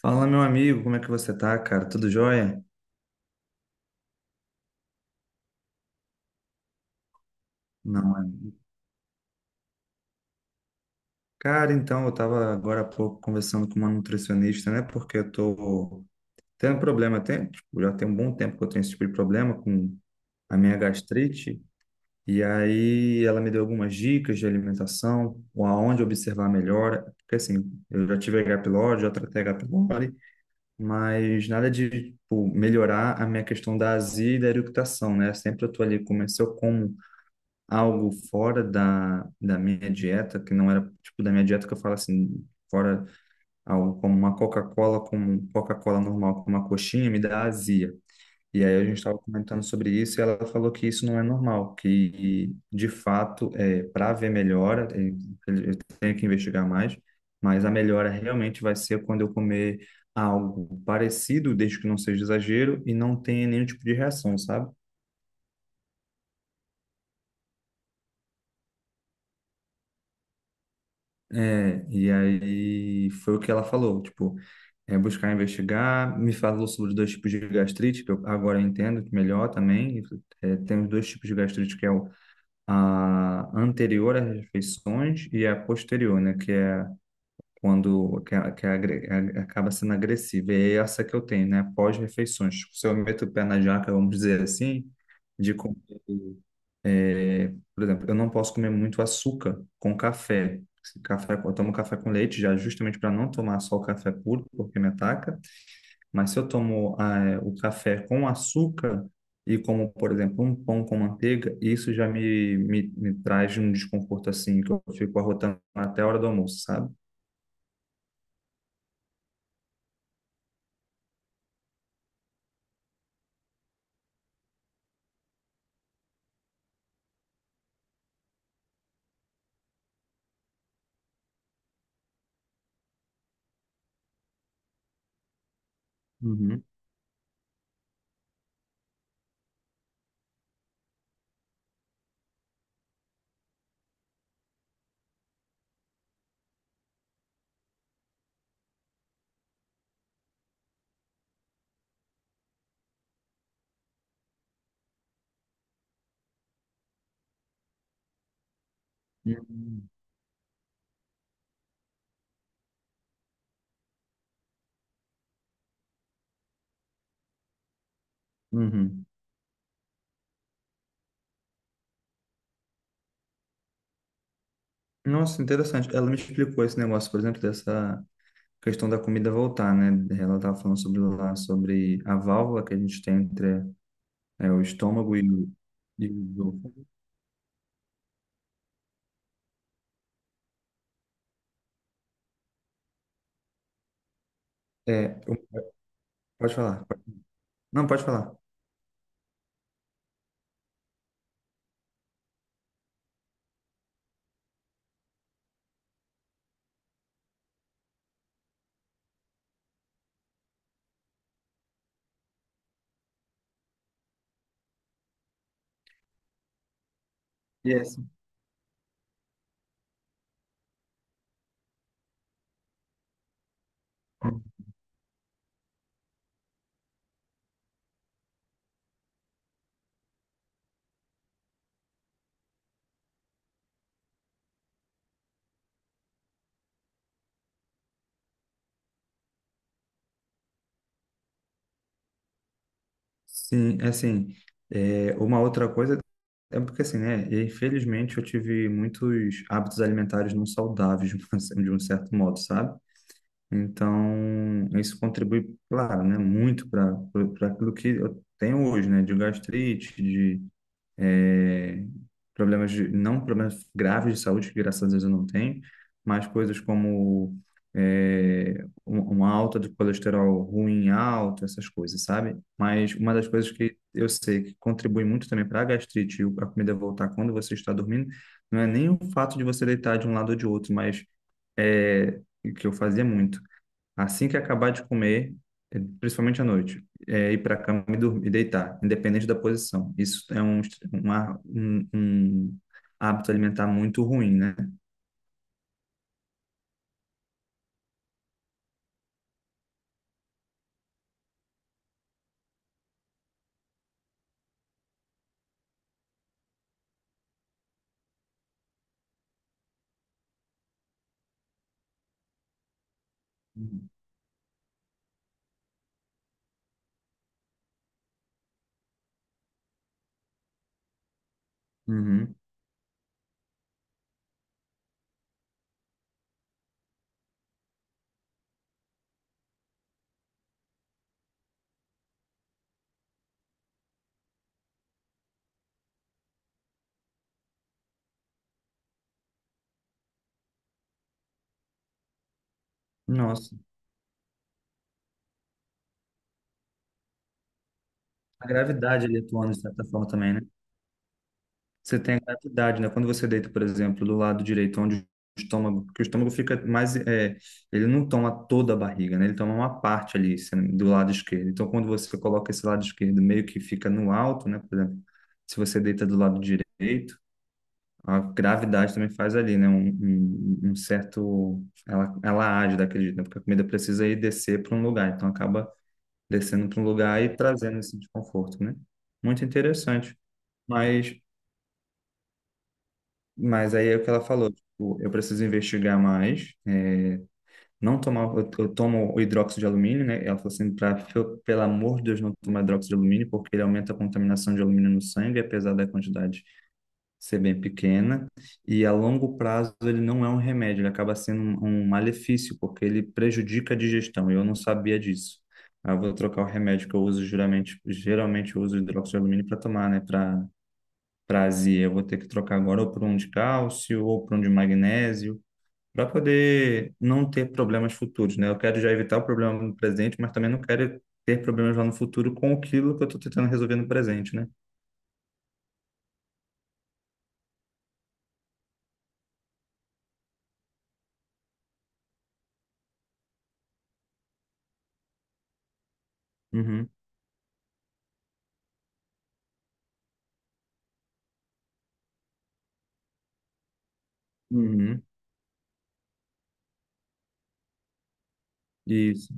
Fala, meu amigo, como é que você tá, cara? Tudo jóia? Não, é. Cara, então, eu tava agora há pouco conversando com uma nutricionista, né? Porque eu tô tendo problema, tem, tipo, já tem um bom tempo que eu tenho esse tipo de problema com a minha gastrite. E aí ela me deu algumas dicas de alimentação, ou aonde observar melhor. Porque assim, eu já tive H. pylori, já tratei H. pylori, mas nada de, tipo, melhorar a minha questão da azia e da eructação, né? Sempre eu tô ali, comecei eu como algo fora da minha dieta, que não era tipo da minha dieta que eu falo assim, fora algo como uma Coca-Cola, como um Coca-Cola normal, como uma coxinha, me dá azia. E aí a gente estava comentando sobre isso e ela falou que isso não é normal, que de fato, para ver melhora, eu tenho que investigar mais, mas a melhora realmente vai ser quando eu comer algo parecido, desde que não seja exagero e não tenha nenhum tipo de reação, sabe? É, e aí foi o que ela falou, tipo, é buscar investigar. Me falou sobre os dois tipos de gastrite, que eu agora entendo que melhor também. É, tem os dois tipos de gastrite, que é o, a anterior às refeições e a posterior, né? Que é quando que é acaba sendo agressiva. E é essa que eu tenho, né? Pós-refeições. Tipo, se eu meto o pé na jaca, vamos dizer assim, de comer é, por exemplo, eu não posso comer muito açúcar com café. Se Café, eu tomo café com leite já justamente para não tomar só o café puro, porque me ataca. Mas se eu tomo o café com açúcar e como, por exemplo, um pão com manteiga, isso já me traz um desconforto assim, que eu fico arrotando até a hora do almoço, sabe? Uhum. Uhum. Uhum. Nossa, interessante. Ela me explicou esse negócio, por exemplo, dessa questão da comida voltar, né? Ela estava falando sobre lá sobre a válvula que a gente tem entre o estômago e o esôfago. É, eu- pode falar. Não, pode falar. Yes. Sim, é assim, é, uma outra coisa é porque assim, né? Infelizmente eu tive muitos hábitos alimentares não saudáveis de um certo modo, sabe? Então isso contribui, claro, né, muito para aquilo que eu tenho hoje, né? De gastrite, de é, problemas de, não problemas graves de saúde, que graças a Deus eu não tenho, mas coisas como uma alta de colesterol ruim alto, essas coisas, sabe? Mas uma das coisas que eu sei que contribui muito também para a gastrite e a comida voltar quando você está dormindo, não é nem o fato de você deitar de um lado ou de outro, mas é, que eu fazia muito. Assim que acabar de comer, principalmente à noite, é ir para a cama e dormir, e deitar, independente da posição. Isso é um hábito alimentar muito ruim, né? Uhum. Uhum. Nossa. A gravidade ali atuando de certa forma também, né? Você tem a gravidade, né? Quando você deita, por exemplo, do lado direito, onde o estômago, porque o estômago fica mais, é, ele não toma toda a barriga, né? Ele toma uma parte ali, do lado esquerdo. Então, quando você coloca esse lado esquerdo meio que fica no alto, né? Por exemplo, se você deita do lado direito, a gravidade também faz ali, né? Um certo, ela age daquele jeito, né? Porque a comida precisa ir descer para um lugar, então acaba descendo para um lugar e trazendo esse desconforto, né? Muito interessante. Mas Mas aí é o que ela falou, tipo, eu preciso investigar mais, é, não tomar, eu tomo o hidróxido de alumínio, né? Ela falou assim, pra, pelo amor de Deus, não tomar hidróxido de alumínio, porque ele aumenta a contaminação de alumínio no sangue, apesar da quantidade ser bem pequena, e a longo prazo ele não é um remédio, ele acaba sendo um malefício, porque ele prejudica a digestão, e eu não sabia disso. Aí eu vou trocar o remédio que eu uso geralmente, geralmente eu uso hidróxido de alumínio para tomar, né? Para prazer, eu vou ter que trocar agora ou por um de cálcio ou por um de magnésio, para poder não ter problemas futuros, né? Eu quero já evitar o problema no presente, mas também não quero ter problemas lá no futuro com aquilo que eu estou tentando resolver no presente, né? Uhum, uhum, isso,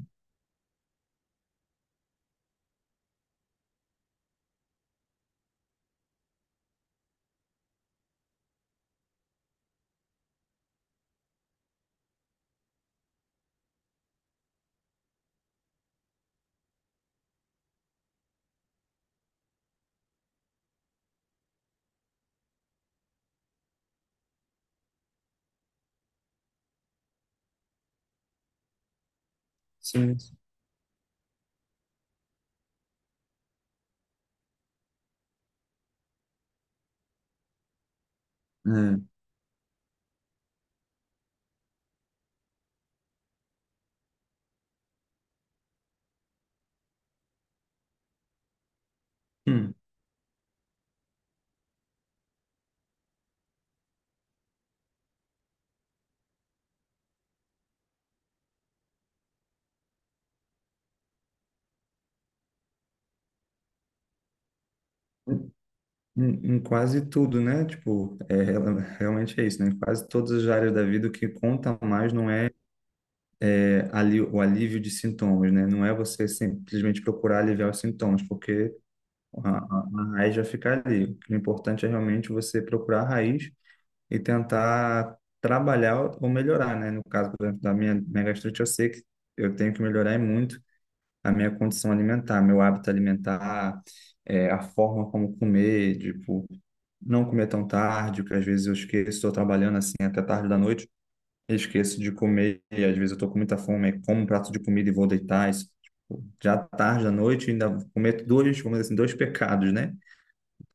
sim, sim. É. Hum. Em, em quase tudo, né? Tipo, realmente é isso, né? Em quase todas as áreas da vida, o que conta mais não é é ali, o alívio de sintomas, né? Não é você simplesmente procurar aliviar os sintomas, porque a raiz vai ficar ali. O que é importante é realmente você procurar a raiz e tentar trabalhar ou melhorar, né? No caso, por exemplo, da minha, minha gastrite, eu sei que eu tenho que melhorar e muito a minha condição alimentar, meu hábito alimentar, é, a forma como comer, tipo, não comer tão tarde, porque às vezes eu esqueço, estou trabalhando assim até tarde da noite, eu esqueço de comer, e às vezes eu estou com muita fome, aí como um prato de comida e vou deitar, isso, tipo, já tarde da noite, ainda cometo dois, vamos dizer assim, dois pecados, né?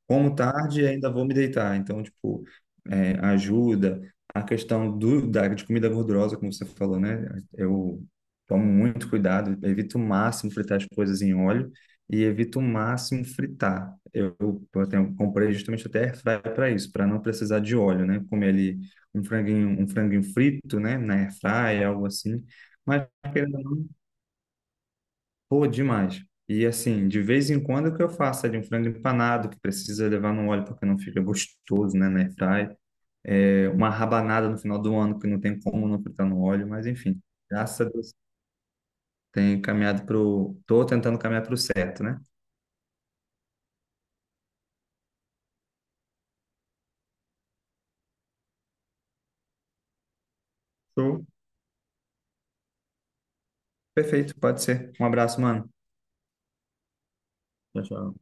Como tarde, ainda vou me deitar. Então, tipo, é, ajuda. A questão de comida gordurosa, como você falou, né? Eu tomo muito cuidado, evito o máximo fritar as coisas em óleo e evito o máximo fritar. Eu tenho, comprei justamente até airfryer para isso, para não precisar de óleo, né? Comer ali um franguinho frito, né? Na airfryer, algo assim. Mas pô, demais. E assim, de vez em quando o que eu faço é de um frango empanado, que precisa levar no óleo porque não fica gostoso, né, na airfry. É, uma rabanada no final do ano, que não tem como não fritar no óleo, mas enfim. Graças a Deus, tenho caminhado pro... Tô tentando caminhar pro certo, né? Show. Perfeito, pode ser. Um abraço, mano. Tchau, tchau.